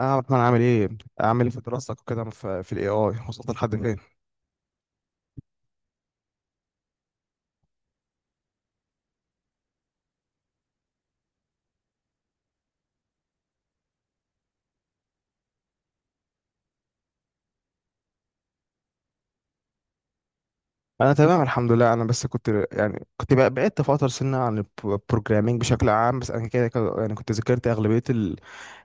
اه، احمد، عامل ايه؟ عامل ايه في دراستك وكده، في الاي اي وصلت لحد فين؟ انا تمام الحمد لله. انا بس كنت، يعني، بعدت فتره سنه عن البروجرامينج بشكل عام. بس انا كده كده، يعني، كنت ذاكرت اغلبيه ال-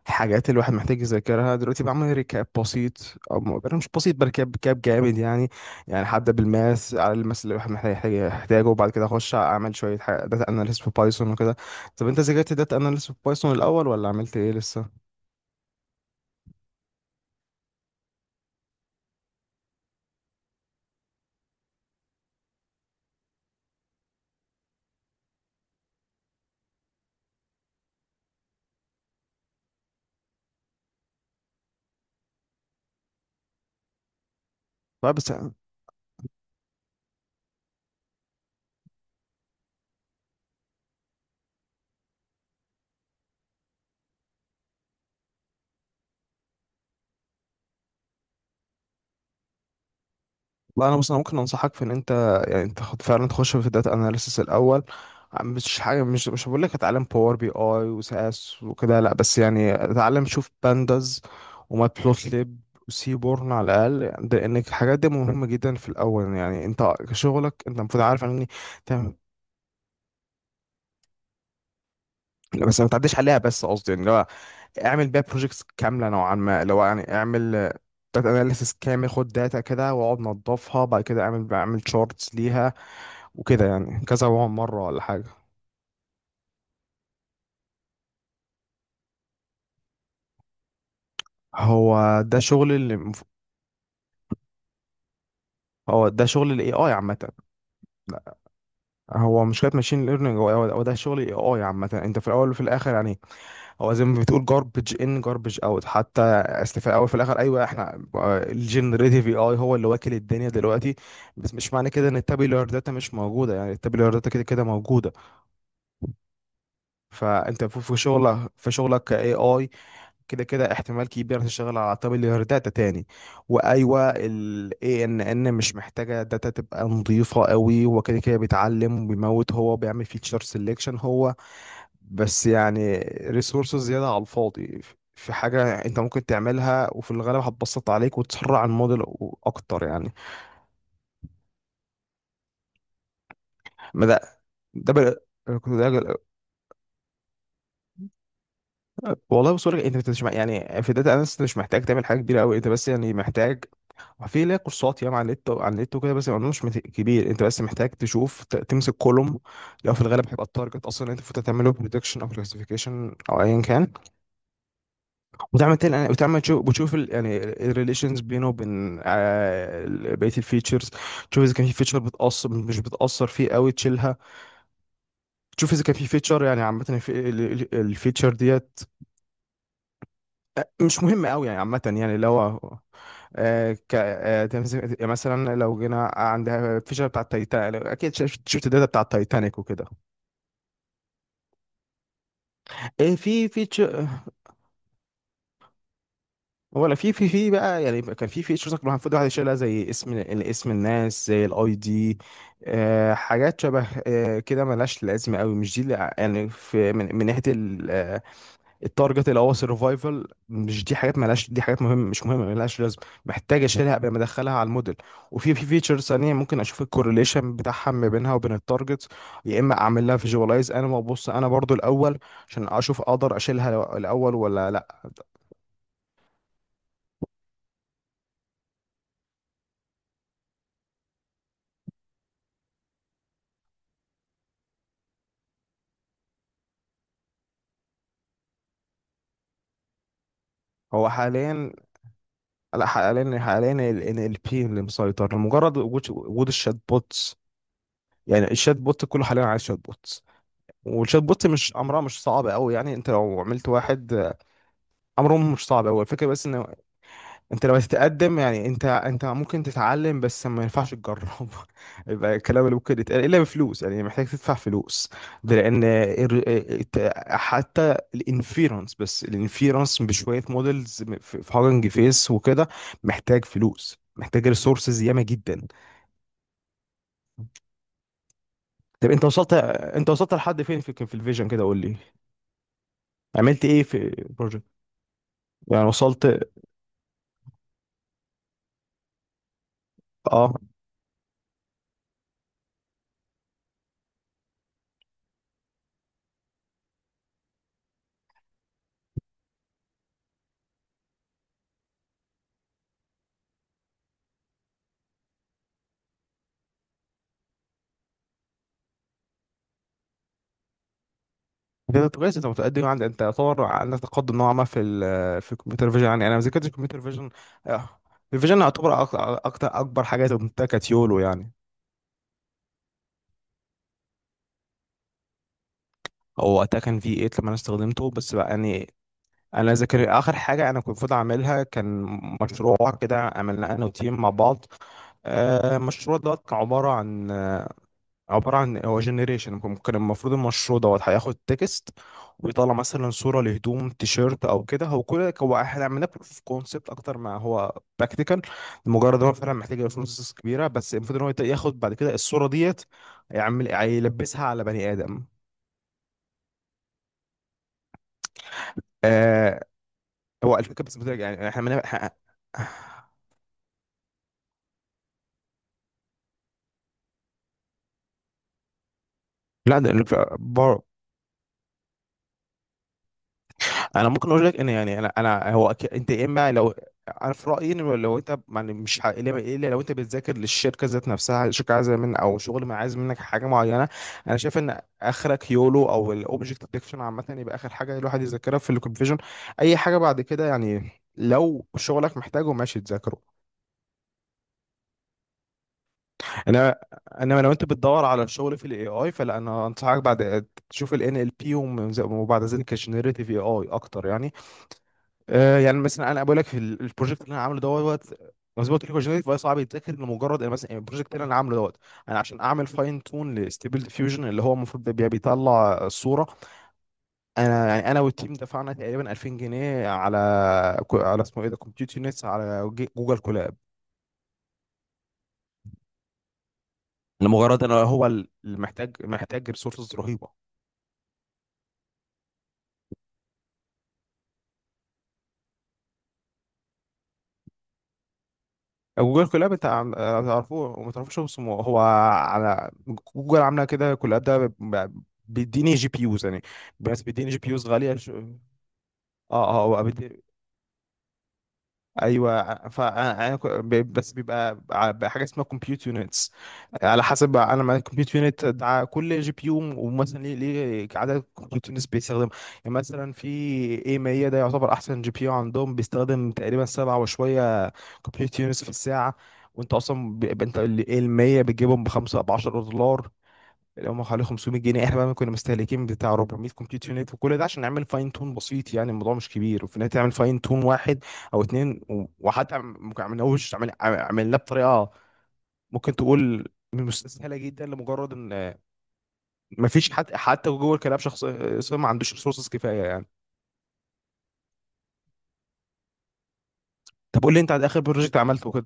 الحاجات اللي الواحد محتاج يذاكرها دلوقتي. بعمل ريكاب بسيط، أنا مش بسيط بركاب، ريكاب جامد يعني. يعني هبدا بالماس على الماس اللي الواحد محتاج يحتاجه، وبعد كده اخش اعمل شويه حاجة داتا اناليست في بايثون وكده. طب انت ذاكرت داتا اناليست في بايثون الاول ولا عملت ايه لسه؟ طيب بس. لا، انا بص، انا ممكن انصحك في ان انت، يعني، انت خد فعلا تخش في الداتا اناليسيس الاول. مش حاجه، مش هقول لك اتعلم باور بي اي وسي اس وكده، لا، بس يعني اتعلم، شوف بانداز وماتبلوتليب وسيبورن على الاقل، يعني لان الحاجات دي مهمه جدا في الاول. يعني انت شغلك، انت المفروض عارف ان. تمام. لا، بس ما تعديش عليها، بس قصدي يعني لو اعمل بيها بروجيكتس كامله نوعا ما، لو يعني اعمل داتا اناليسيس كامل، خد داتا كده واقعد نضفها، بعد كده اعمل، بعمل شورتس ليها وكده، يعني كذا مره ولا حاجه. هو ده شغل اللي مف- هو ده شغل الاي اي عامه. هو مش كده، ماشين ليرنينج، هو ده شغل الاي اي عامه، انت في الاول وفي الاخر يعني. هو زي ما بتقول جاربج ان جاربج اوت، حتى أصل في الاول وفي الاخر، ايوه احنا، الجنريتيف اي اي هو اللي واكل الدنيا دلوقتي. بس مش معنى كده ان التابيلار داتا مش موجوده، يعني التابيلار داتا كده كده موجوده. فانت في شغلك كاي اي، كده كده احتمال كبير تشتغل على طابل داتا تاني. وايوه، ال اي ان ان مش محتاجه داتا تبقى نظيفه قوي، هو كده كده بيتعلم وبيموت، هو بيعمل فيتشر سelection هو، بس يعني ريسورسز زياده على الفاضي. في حاجه انت ممكن تعملها وفي الغالب هتبسط عليك وتسرع الموديل اكتر يعني. ما ده، ده بقى- كنت ده والله بص لك، انت مش مع- يعني في داتا اناليست مش محتاج تعمل حاجه كبيره قوي، انت بس يعني محتاج، في ليها كورسات ياما على النت، وكده. بس الموضوع مش مت- كبير، انت بس محتاج تشوف، تمسك كولوم، لو في الغالب هيبقى التارجت اصلا، انت المفروض تعمله بريدكشن او كلاسيفيكيشن او ايا كان. وتعمل تشوف، يعني الريليشنز بينه وبين بقيه الفيتشرز. تشوف اذا كان في فيتشر بتاثر، مش بتاثر فيه قوي تشيلها. تشوف اذا كان في فيتشر، يعني عامه الفيتشر ديت مش مهمه قوي يعني عامه، يعني اللي هو، يعني مثلا لو جينا عندها فيشر بتاع التايتانيك، اكيد شفت الداتا بتاع التايتانيك وكده. ايه في فيتشر، ولا في بقى، يعني كان في فيتشرز المفروض الواحد يشيلها زي اسم الناس، زي الاي دي، حاجات شبه كده ملهاش لازمه قوي، مش دي يعني في من ناحيه التارجت الاول سرفايفل، مش دي حاجات مالهاش، دي حاجات مش مهمه، مالهاش لازم، محتاج اشيلها قبل ما ادخلها على الموديل. وفي فيتشرز ثانيه ممكن اشوف الكورليشن بتاعها ما بينها وبين التارجت، يا اما اعمل لها فيجواليز انا وابص انا برضو الاول، عشان اشوف اقدر اشيلها الاول ولا لا. هو حاليا، لا، حاليا ال NLP اللي مسيطر، لمجرد وجود الشات بوتس، يعني الشات بوت كله حاليا عايز شات بوتس. والشات بوت مش امرها، مش صعب قوي، يعني انت لو عملت واحد، امره مش صعب قوي. الفكره بس ان انت لما تتقدم، يعني انت، ممكن تتعلم بس ما ينفعش تجرب يبقى الكلام اللي ممكن يتقال الا بفلوس، يعني محتاج تدفع فلوس. ده لان حتى الانفيرنس، بس الانفيرنس بشويه مودلز في هاجنج فيس وكده محتاج فلوس، محتاج ريسورسز ياما جدا. طب انت وصلت، لحد فين في الفيجن كده قول لي، عملت ايه في البروجكت، يعني وصلت. اه، ده كويس، انت متقدم، يعني انت يعتبر عندك تقدم نوعا ما في ال في الكمبيوتر فيجن، يعني انا ما ذاكرتش الكمبيوتر فيجن. آه، الفيجن يعتبر، اكتر، اكبر حاجه اتعلمتها كانت يولو يعني. هو وقتها كان في 8 لما انا استخدمته، بس بقى يعني انا ذاكر اخر حاجه انا كنت المفروض اعملها، كان مشروع كده عملناه انا وتيم مع بعض. المشروع دوت كان عباره عن، عبارة عن هو جنريشن، ممكن، المفروض المشروع دوت هياخد تكست ويطلع مثلا صورة لهدوم تيشيرت أو كده. هو كل هو احنا عملنا بروف اوف كونسبت أكتر ما هو براكتيكال، لمجرد إن هو فعلا محتاج ريسورسز كبيرة. بس المفروض إن هو ياخد بعد كده الصورة ديت يعمل يلبسها على بني آدم. آه هو الفكرة بس بترجع، يعني احنا لا، ده انا ممكن اقول لك ان، يعني انا، هو، انت يا اما لو، انا في رايي ان لو انت يعني مش ح- الا، لو انت بتذاكر للشركه ذات نفسها، الشركه عايزه من، او شغل ما عايز منك حاجه معينه. انا شايف ان اخرك يولو او الاوبجكت ديتكشن عامه، يبقى اخر حاجه الواحد يذاكرها في الكونفيجن. اي حاجه بعد كده يعني، لو شغلك محتاجه ماشي تذاكره. انا انما لو انت بتدور على الشغل في الاي اي فلا، انا انصحك بعد تشوف الان ال NLP، وبعد ذلك الجنريتيف اي اي اكتر يعني. يعني مثلا انا بقول لك في البروجكت اللي انا عامله دوت، زي ما قلت لك، جينيريت، فهو صعب يتذاكر، لمجرد يعني مثلا البروجكت اللي انا عامله دوت، انا عشان اعمل فاين تون لستيبل ديفيوجن اللي هو المفروض ده بيطلع الصوره، انا يعني انا والتيم دفعنا تقريبا 2000 جنيه على، اسمه ايه ده، كومبيوتر نتس، على جوجل كولاب، لمجرد ان هو محتاج، ريسورسز رهيبه. جوجل كولاب، انت تعرفوه وما تعرفوش، هو اسمه، هو على جوجل عامله كده كولاب ده، بيديني جي بي يوز يعني، بس بيديني جي بي يوز غاليه، اه هو ايوه ف، بس بيبقى بحاجه اسمها كومبيوت يونتس. على حسب انا مع الكمبيوت يونت ده، كل جي بي يو، ومثلا ليه، عدد كمبيوت يونتس بيستخدم، يعني مثلا في اي 100، ده يعتبر احسن جي بي يو عندهم، بيستخدم تقريبا سبعة وشويه كمبيوت يونتس في الساعه. وانت اصلا انت ال 100 بتجيبهم بخمسة، ب 10 دولار، اللي هم حوالي 500 جنيه. احنا بقى كنا مستهلكين بتاع 400 كومبيوتر يونت، وكل ده عشان نعمل فاين تون بسيط، يعني الموضوع مش كبير، وفي النهايه تعمل فاين تون واحد او اتنين، وحتى ما عملناهوش، عملناه بطريقه ممكن تقول مستسهله جدا، لمجرد ان ما فيش حد، حتى جوه الكلاب، شخص صار ما عندوش ريسورسز كفايه يعني. طب قول لي انت على اخر بروجكت عملته كده،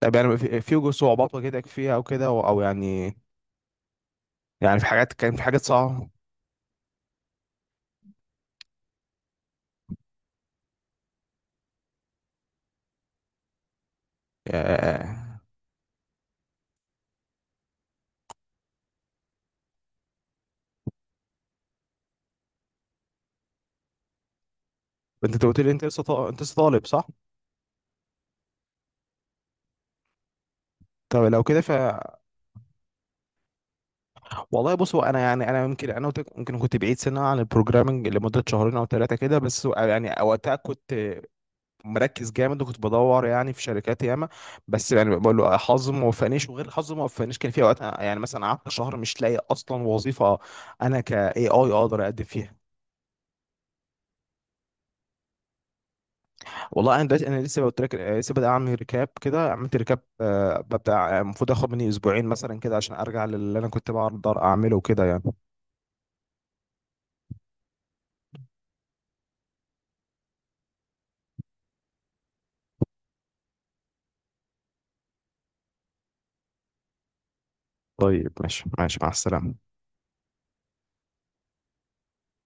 طب يعني في صعوبات واجهتك فيها او كده، او أو يعني، يعني في حاجات، كان في حاجات صعبه. آه، انت قلت لي انت انت لسه طالب صح؟ طب لو كده، والله بص، هو انا يعني، انا يمكن انا، ممكن كنت بعيد سنه عن البروجرامنج لمده شهرين او ثلاثه كده بس، يعني وقتها كنت مركز جامد، وكنت بدور يعني في شركات ياما، بس يعني بقول له حظي ما وفقنيش، وغير حظي ما وفقنيش، كان في اوقات يعني مثلا قعدت شهر مش لاقي اصلا وظيفه انا ك اي اي اقدر اقدم فيها. والله انا دلوقتي، انا لسه قلت لك، لسه بدأ اعمل ريكاب كده، عملت ريكاب، ببدا، المفروض اخد مني اسبوعين مثلا كده عشان ارجع للي انا كنت بقدر اعمله كده يعني. طيب ماشي، ماشي، مع السلامه.